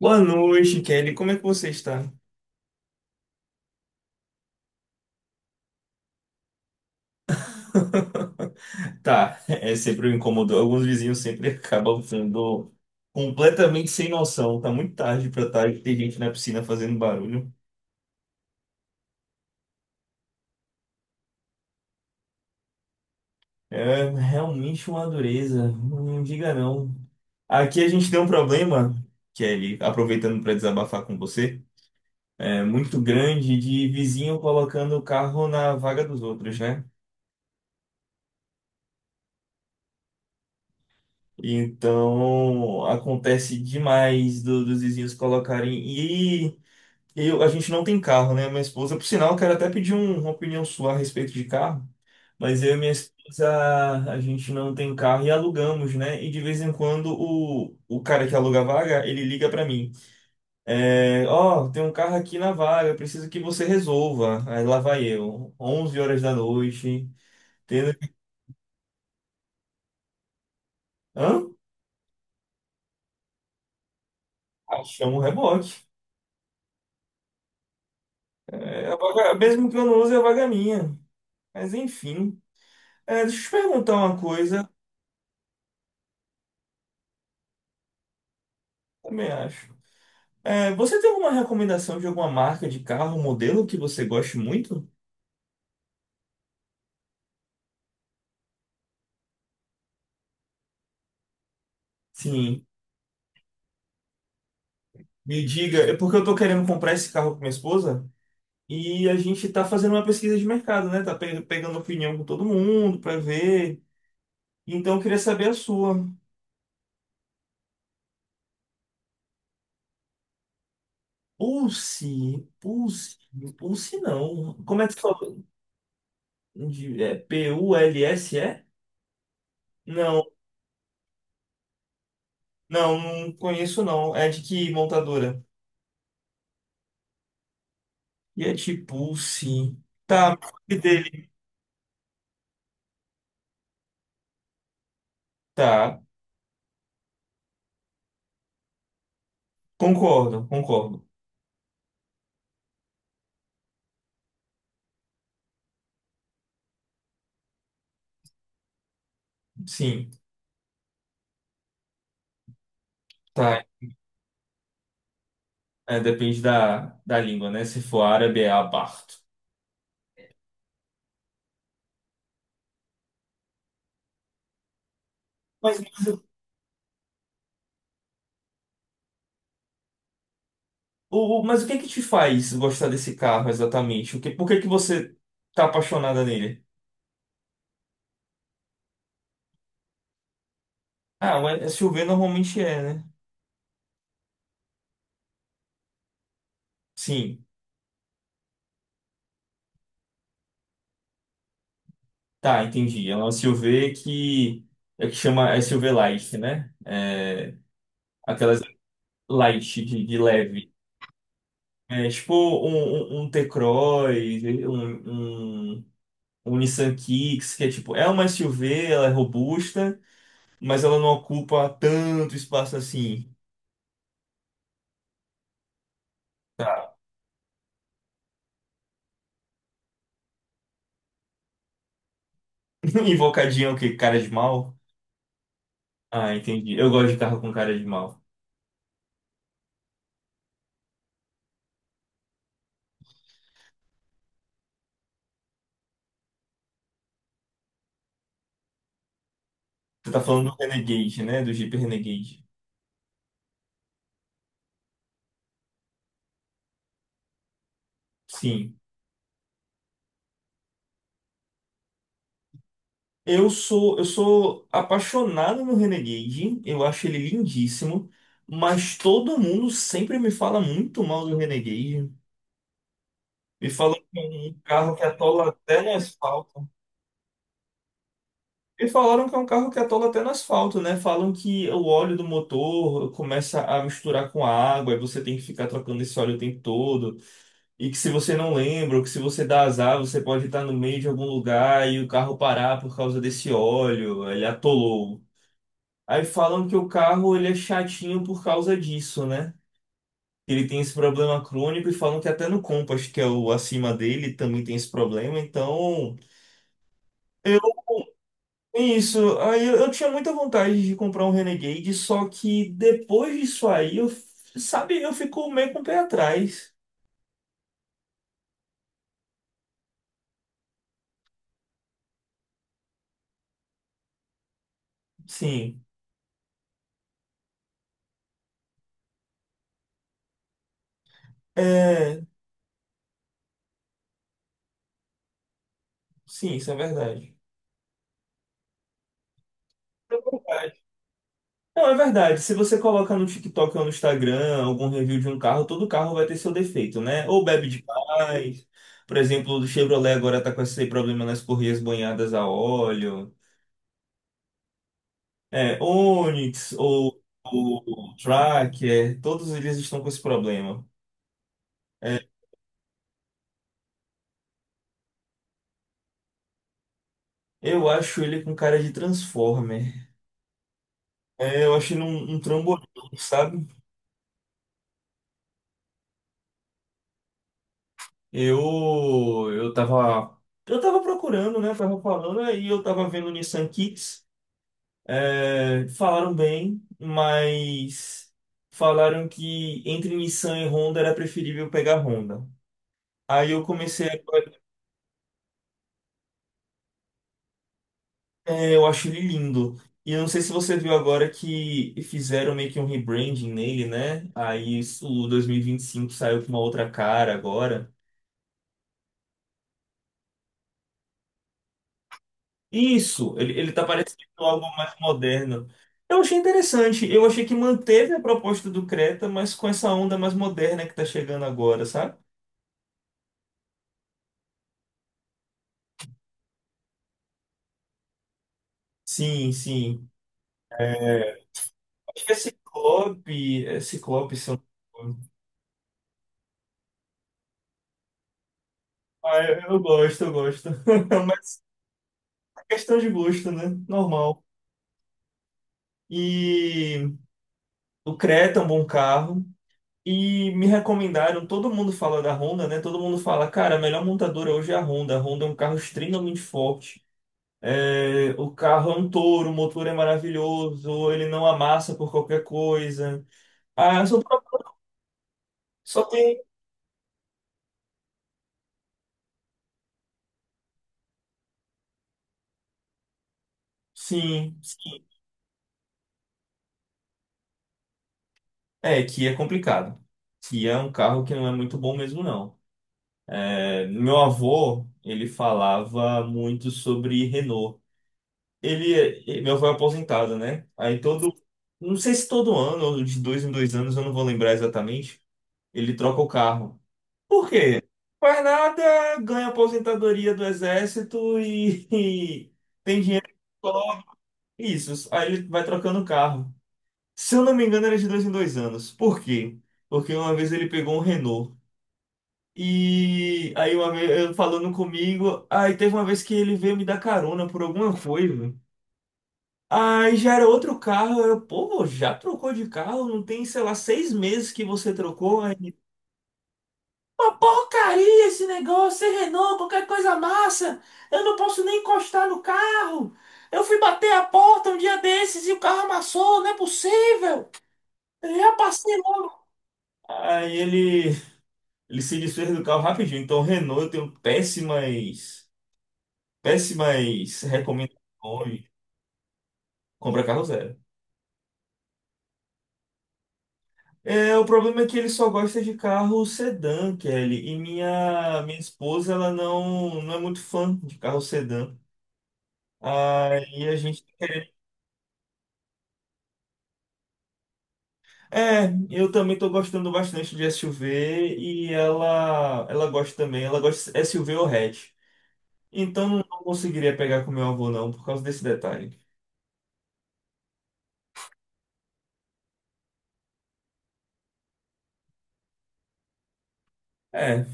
Boa noite, Kelly. Como é que você está? Tá, é sempre me incomodou. Alguns vizinhos sempre acabam sendo completamente sem noção. Tá muito tarde pra tarde, tem gente na piscina fazendo barulho. É realmente uma dureza. Não diga não. Aqui a gente tem um problema, Kelly, aproveitando para desabafar com você, é muito grande de vizinho colocando o carro na vaga dos outros, né? Então acontece demais dos vizinhos colocarem. A gente não tem carro, né? Minha esposa, por sinal, eu quero até pedir uma opinião sua a respeito de carro, mas eu e minha esposa, a gente não tem carro e alugamos, né? E de vez em quando o cara que aluga a vaga, ele liga pra mim. É, ó, tem um carro aqui na vaga, preciso que você resolva. Aí lá vai eu, 11 horas da noite, tendo... Hã? Ah, chama o reboque. É, mesmo que eu não use, a vaga é minha. Mas enfim. É, deixa eu te perguntar uma coisa, também acho. É, você tem alguma recomendação de alguma marca de carro, modelo que você goste muito? Sim, me diga, é porque eu tô querendo comprar esse carro com minha esposa e a gente tá fazendo uma pesquisa de mercado, né? Tá pegando opinião com todo mundo pra ver. Então eu queria saber a sua. Pulse, Pulse, Pulse não. Como é que fala? É Pulse? Não, não, não conheço não. É de que montadora? E é de Pulse. Tá, me fale dele. Tá. Concordo, concordo. Sim, tá. É, depende da língua, né? Se for árabe, é abarto. Mas, mas mas o que é que te faz gostar desse carro exatamente? Por que que você tá apaixonada nele? Ah, o SUV normalmente é, né? Sim, tá, entendi. É um SUV é que chama SUV Light, né? É, aquelas light de leve. É tipo um T-Cross, um, um o Nissan Kicks, que é tipo, é uma SUV, ela é robusta, mas ela não ocupa tanto espaço assim. Invocadinha é o quê? Cara de mal? Ah, entendi. Eu gosto de carro com cara de mal. Você tá falando do Renegade, né? Do Jeep Renegade. Sim. Eu sou apaixonado no Renegade, eu acho ele lindíssimo, mas todo mundo sempre me fala muito mal do Renegade. Me fala que é um carro que atola até no asfalto. E falaram que é um carro que atola até no asfalto, né? Falam que o óleo do motor começa a misturar com a água e você tem que ficar trocando esse óleo o tempo todo. E que se você não lembra, ou que se você dá azar, você pode estar no meio de algum lugar e o carro parar por causa desse óleo. Ele atolou. Aí falam que o carro ele é chatinho por causa disso, né? Ele tem esse problema crônico e falam que até no Compass, que é o acima dele, também tem esse problema. Então, eu isso, aí eu tinha muita vontade de comprar um Renegade, só que depois disso aí, sabe, eu fico meio com o pé atrás. Sim, é, sim, isso é verdade. É verdade. Não, é verdade. Se você coloca no TikTok ou no Instagram algum review de um carro, todo carro vai ter seu defeito, né? Ou bebe demais. Por exemplo, o do Chevrolet agora tá com esse problema nas correias banhadas a óleo. É, Onix ou o Tracker, todos eles estão com esse problema. É, eu acho ele com cara de Transformer. É, eu acho ele um trambolhão, sabe? Eu, eu tava, eu tava procurando, né? Tava falando, aí eu tava vendo Nissan Kicks. É, falaram bem, mas falaram que entre Nissan e Honda era preferível pegar Honda. Aí eu comecei a, é, eu acho ele lindo. E eu não sei se você viu agora que fizeram meio que um rebranding nele, né? O 2025 saiu com uma outra cara agora. Isso, ele tá parecendo algo mais moderno. Eu achei interessante. Eu achei que manteve a proposta do Creta, mas com essa onda mais moderna que tá chegando agora, sabe? Sim, sim. É, acho que é Ciclope. É Ciclope, se eu não me engano. Ah, eu gosto, eu gosto. Mas é questão de gosto, né? Normal. E o Creta é um bom carro. E me recomendaram, todo mundo fala da Honda, né? Todo mundo fala, cara, a melhor montadora hoje é a Honda. A Honda é um carro extremamente forte. É, o carro é um touro, o motor é maravilhoso, ele não amassa por qualquer coisa. Ah, só tem. Sim, sim. É, Kia é complicado. Kia é um carro que não é muito bom mesmo, não. É, meu avô, ele falava muito sobre Renault. Ele, Meu avô é aposentado, né? Aí todo. Não sei se todo ano, ou de dois em dois anos, eu não vou lembrar exatamente. Ele troca o carro. Por quê? Faz nada, ganha aposentadoria do exército e cobre isso. Aí ele vai trocando carro. Se eu não me engano, era de dois em dois anos. Por quê? Porque uma vez ele pegou um Renault. E aí uma vez eu falando comigo, aí teve uma vez que ele veio me dar carona por alguma coisa. Aí já era outro carro, eu, pô, já trocou de carro? Não tem, sei lá, seis meses que você trocou? Aí. Uma porcaria esse negócio, é Renault, qualquer coisa massa. Eu não posso nem encostar no carro. Eu fui bater a porta um dia desses e o carro amassou, não é possível. Eu já passei logo. Aí ele se desfez do carro rapidinho. Então, Renault, eu tenho péssimas, péssimas recomendações. Compra carro zero. É, o problema é que ele só gosta de carro sedã, Kelly. E minha esposa, ela não é muito fã de carro sedã. Aí a gente. É, eu também tô gostando bastante de SUV e ela gosta também, ela gosta de SUV ou hatch. Então não conseguiria pegar com meu avô não, por causa desse detalhe. É,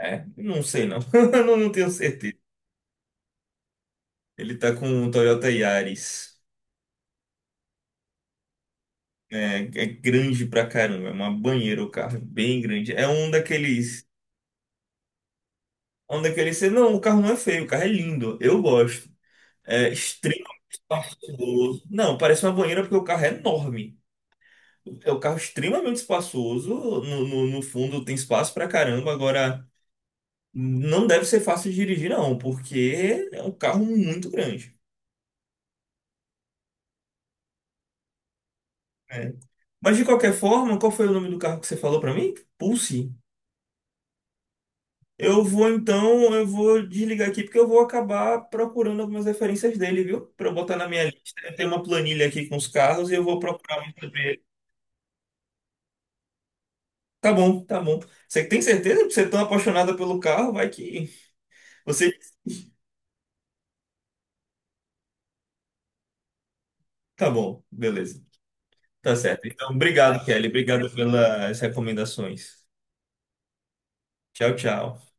é, não sei não, não tenho certeza. Ele tá com um Toyota Yaris, é, é grande pra caramba, é uma banheira o carro, é bem grande. É um daqueles, não, o carro não é feio, o carro é lindo, eu gosto. É extremamente espaçoso. Não, parece uma banheira porque o carro é enorme. É um carro extremamente espaçoso. No fundo tem espaço pra caramba. Agora, não deve ser fácil de dirigir, não, porque é um carro muito grande. Né? Mas de qualquer forma, qual foi o nome do carro que você falou pra mim? Pulse. Eu vou então, eu vou desligar aqui porque eu vou acabar procurando algumas referências dele, viu? Pra eu botar na minha lista. Eu tenho uma planilha aqui com os carros e eu vou procurar muito sobre ele. Tá bom, tá bom. Você tem certeza que você é tão apaixonada pelo carro? Vai que você. Tá bom, beleza. Tá certo. Então, obrigado, Kelly. Obrigado pelas recomendações. Tchau, tchau.